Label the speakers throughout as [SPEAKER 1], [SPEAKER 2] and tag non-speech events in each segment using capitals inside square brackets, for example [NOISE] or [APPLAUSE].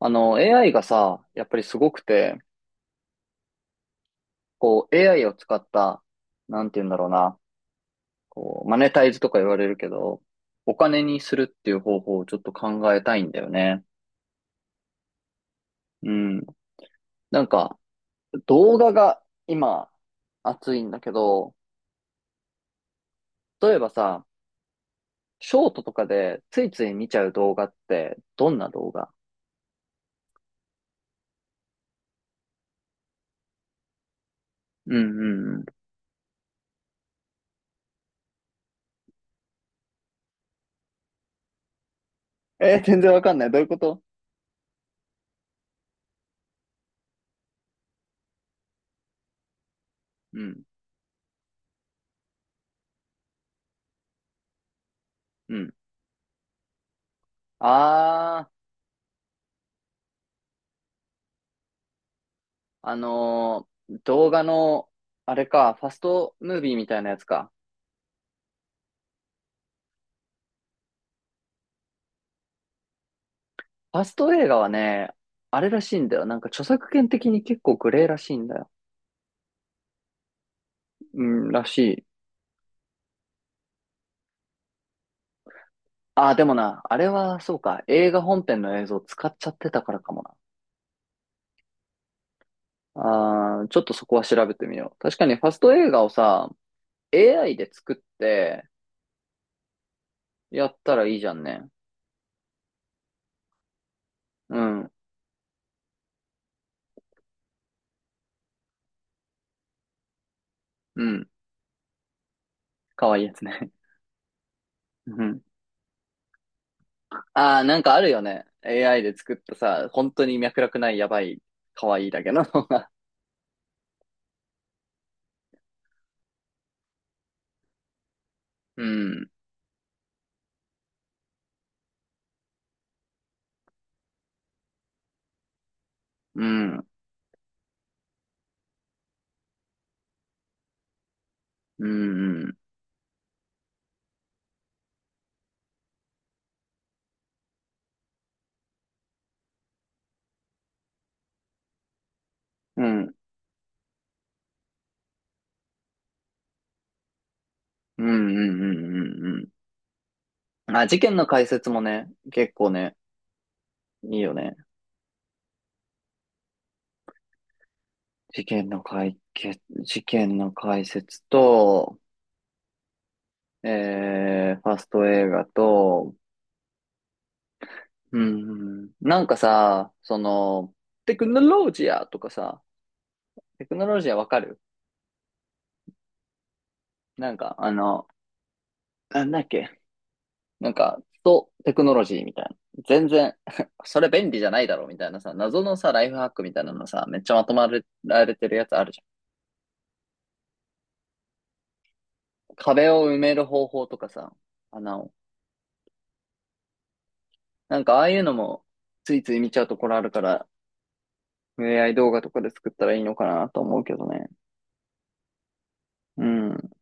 [SPEAKER 1] AI がさ、やっぱりすごくて、AI を使った、なんて言うんだろうな、マネタイズとか言われるけど、お金にするっていう方法をちょっと考えたいんだよね。うん。なんか、動画が今、熱いんだけど、例えばさ、ショートとかでついつい見ちゃう動画って、どんな動画？うんうんうん。全然わかんない。どういうこと？うん。うん。あ、あのー動画の、あれか、ファストムービーみたいなやつか。ファスト映画はね、あれらしいんだよ。なんか著作権的に結構グレーらしいんだよ。うん、らしい。あー、でもな、あれはそうか、映画本編の映像使っちゃってたからかもな。あー、ちょっとそこは調べてみよう。確かにファスト映画をさ、AI で作ってやったらいいじゃんね。うん、うん、かわいいやつね。[LAUGHS] うん、ああ、なんかあるよね。AI で作ったさ、本当に脈絡ないやばい、可愛いだけの。[LAUGHS] うん、うん、うん、うん、うん、うん、うん、うん、うん。あ、事件の解説もね、結構ね、いいよね。事件の解決、事件の解説と、ファスト映画と、うん、なんかさ、その、テクノロジアとかさ、テクノロジアわかる？なんか、あの、なんだっけなんか、とテクノロジーみたいな。全然 [LAUGHS] それ便利じゃないだろうみたいなさ、謎のさ、ライフハックみたいなのさ、めっちゃまとまられてるやつあるじゃん。壁を埋める方法とかさ、穴を。ああいうのも、ついつい見ちゃうところあるから、AI 動画とかで作ったらいいのかなと思うけどね。うん。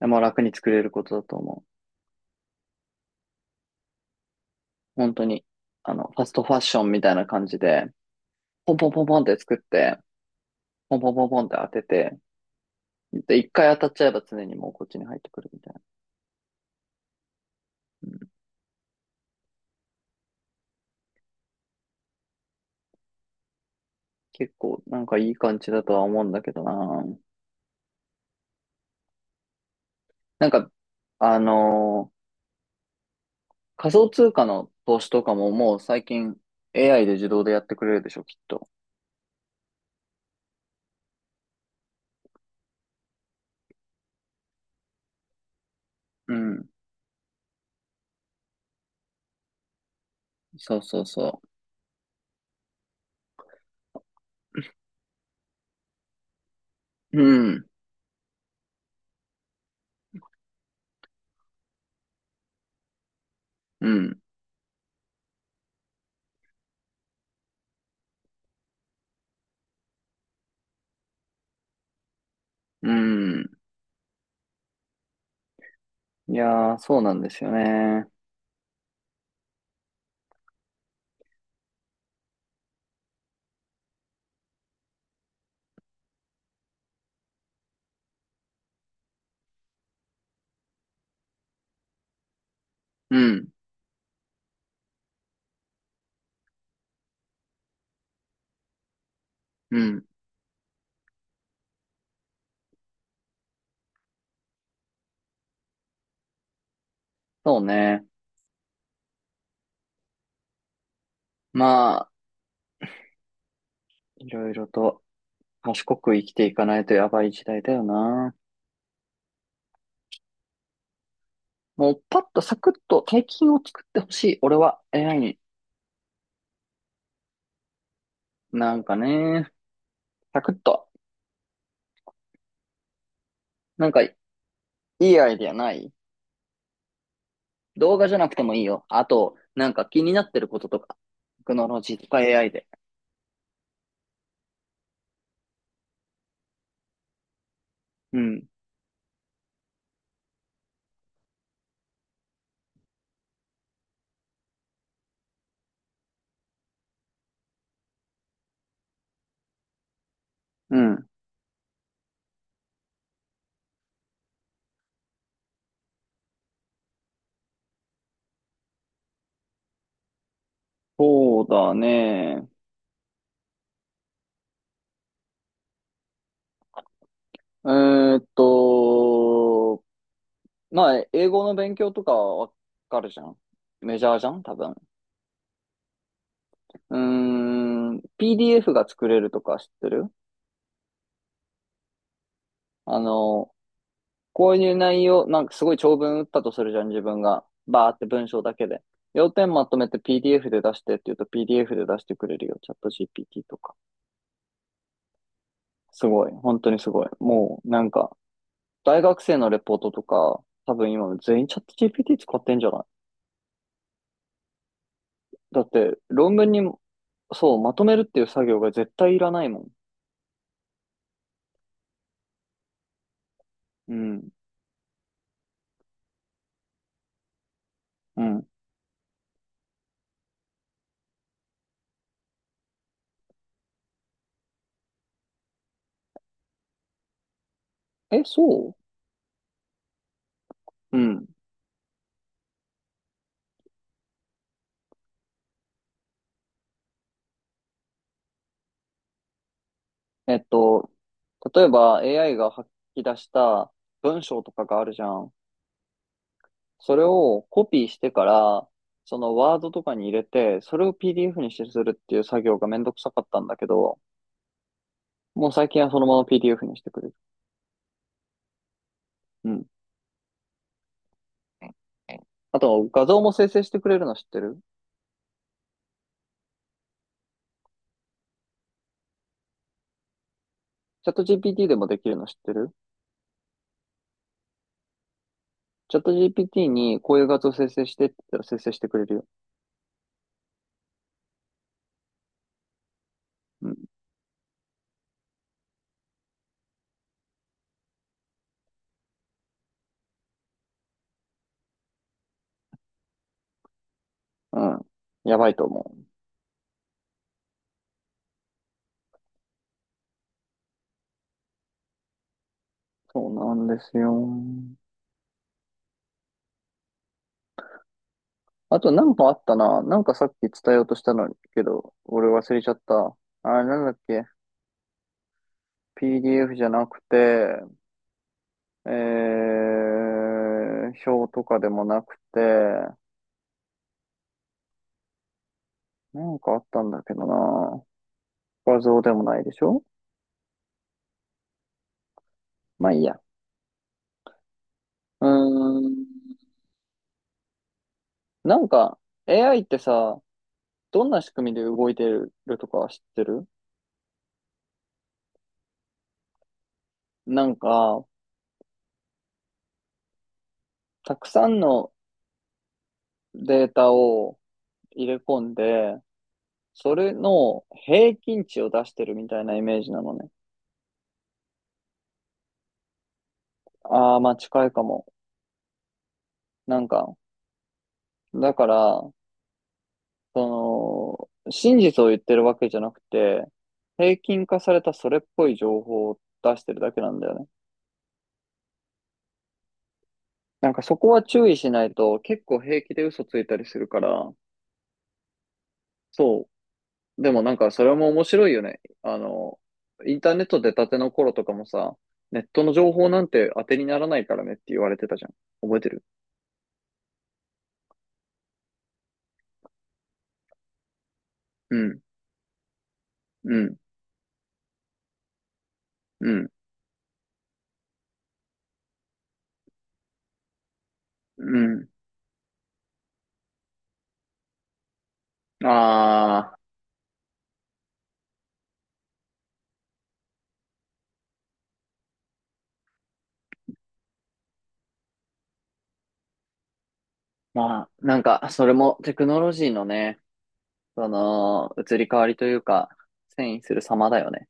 [SPEAKER 1] でも楽に作れることだと思う。本当に。あの、ファストファッションみたいな感じで、ポンポンポンポンって作って、ポンポンポンポンって当てて、で、一回当たっちゃえば常にもうこっちに入ってくるみたいな。うん、結構なんかいい感じだとは思うんだけどな。なんか、あのー仮想通貨の投資とかももう最近 AI で自動でやってくれるでしょ、きっと。うん。そうそうそう。うん。うん。うん。いやー、そうなんですよね。うん。うん。そうね。まあ、いろいろと賢く生きていかないとやばい時代だよな。もうパッとサクッと大金を作ってほしい。俺は AI に。なんかね、サクッと。なんかいいアイディアない？動画じゃなくてもいいよ。あと、なんか気になってることとか。テクノロジーとか AI で。うん。うん。そうだね。えーっと、まあ、英語の勉強とかわかるじゃん。メジャーじゃん多分。うーん。PDF が作れるとか知ってる？あの、こういう内容、なんかすごい長文打ったとするじゃん、自分が。バーって文章だけで。要点まとめて PDF で出してって言うと PDF で出してくれるよ。チャット GPT とか。すごい。本当にすごい。もう、なんか、大学生のレポートとか、多分今全員チャット GPT 使ってんじゃない？だって、論文にも、そう、まとめるっていう作業が絶対いらないもん。うん。うん。え、そう？うん。えっと、例えば AI が吐き出した文章とかがあるじゃん。それをコピーしてから、そのワードとかに入れて、それを PDF にしてするっていう作業がめんどくさかったんだけど、もう最近はそのまま PDF にしてくれる。うん。あと、画像も生成してくれるの知ってる？チャット GPT でもできるの知ってる？チャット GPT にこういう画像生成してって言ったら生成してくれるよ。うん。うん。やばいと思う。そうなんですよ。あと、なんかあったな。なんかさっき伝えようとしたのにけど、俺忘れちゃった。あれ、なんだっけ？ PDF じゃなくて、表とかでもなくて、なんかあったんだけどな。画像でもないでしょ？まあいいや。うーん。なんか、AI ってさ、どんな仕組みで動いてるとか知ってる？なんか、たくさんのデータを入れ込んで、それの平均値を出してるみたいなイメージなのね。ああ、まあ近いかも。なんか、だから、その、真実を言ってるわけじゃなくて、平均化されたそれっぽい情報を出してるだけなんだよね。なんかそこは注意しないと結構平気で嘘ついたりするから、そう。でもなんかそれも面白いよね。あの、インターネット出たての頃とかもさ、ネットの情報なんて当てにならないからねって言われてたじゃん。覚えてる？うん、うん、うん、うん。ああ、まあ、なんかそれもテクノロジーのね、その、移り変わりというか、遷移する様だよね。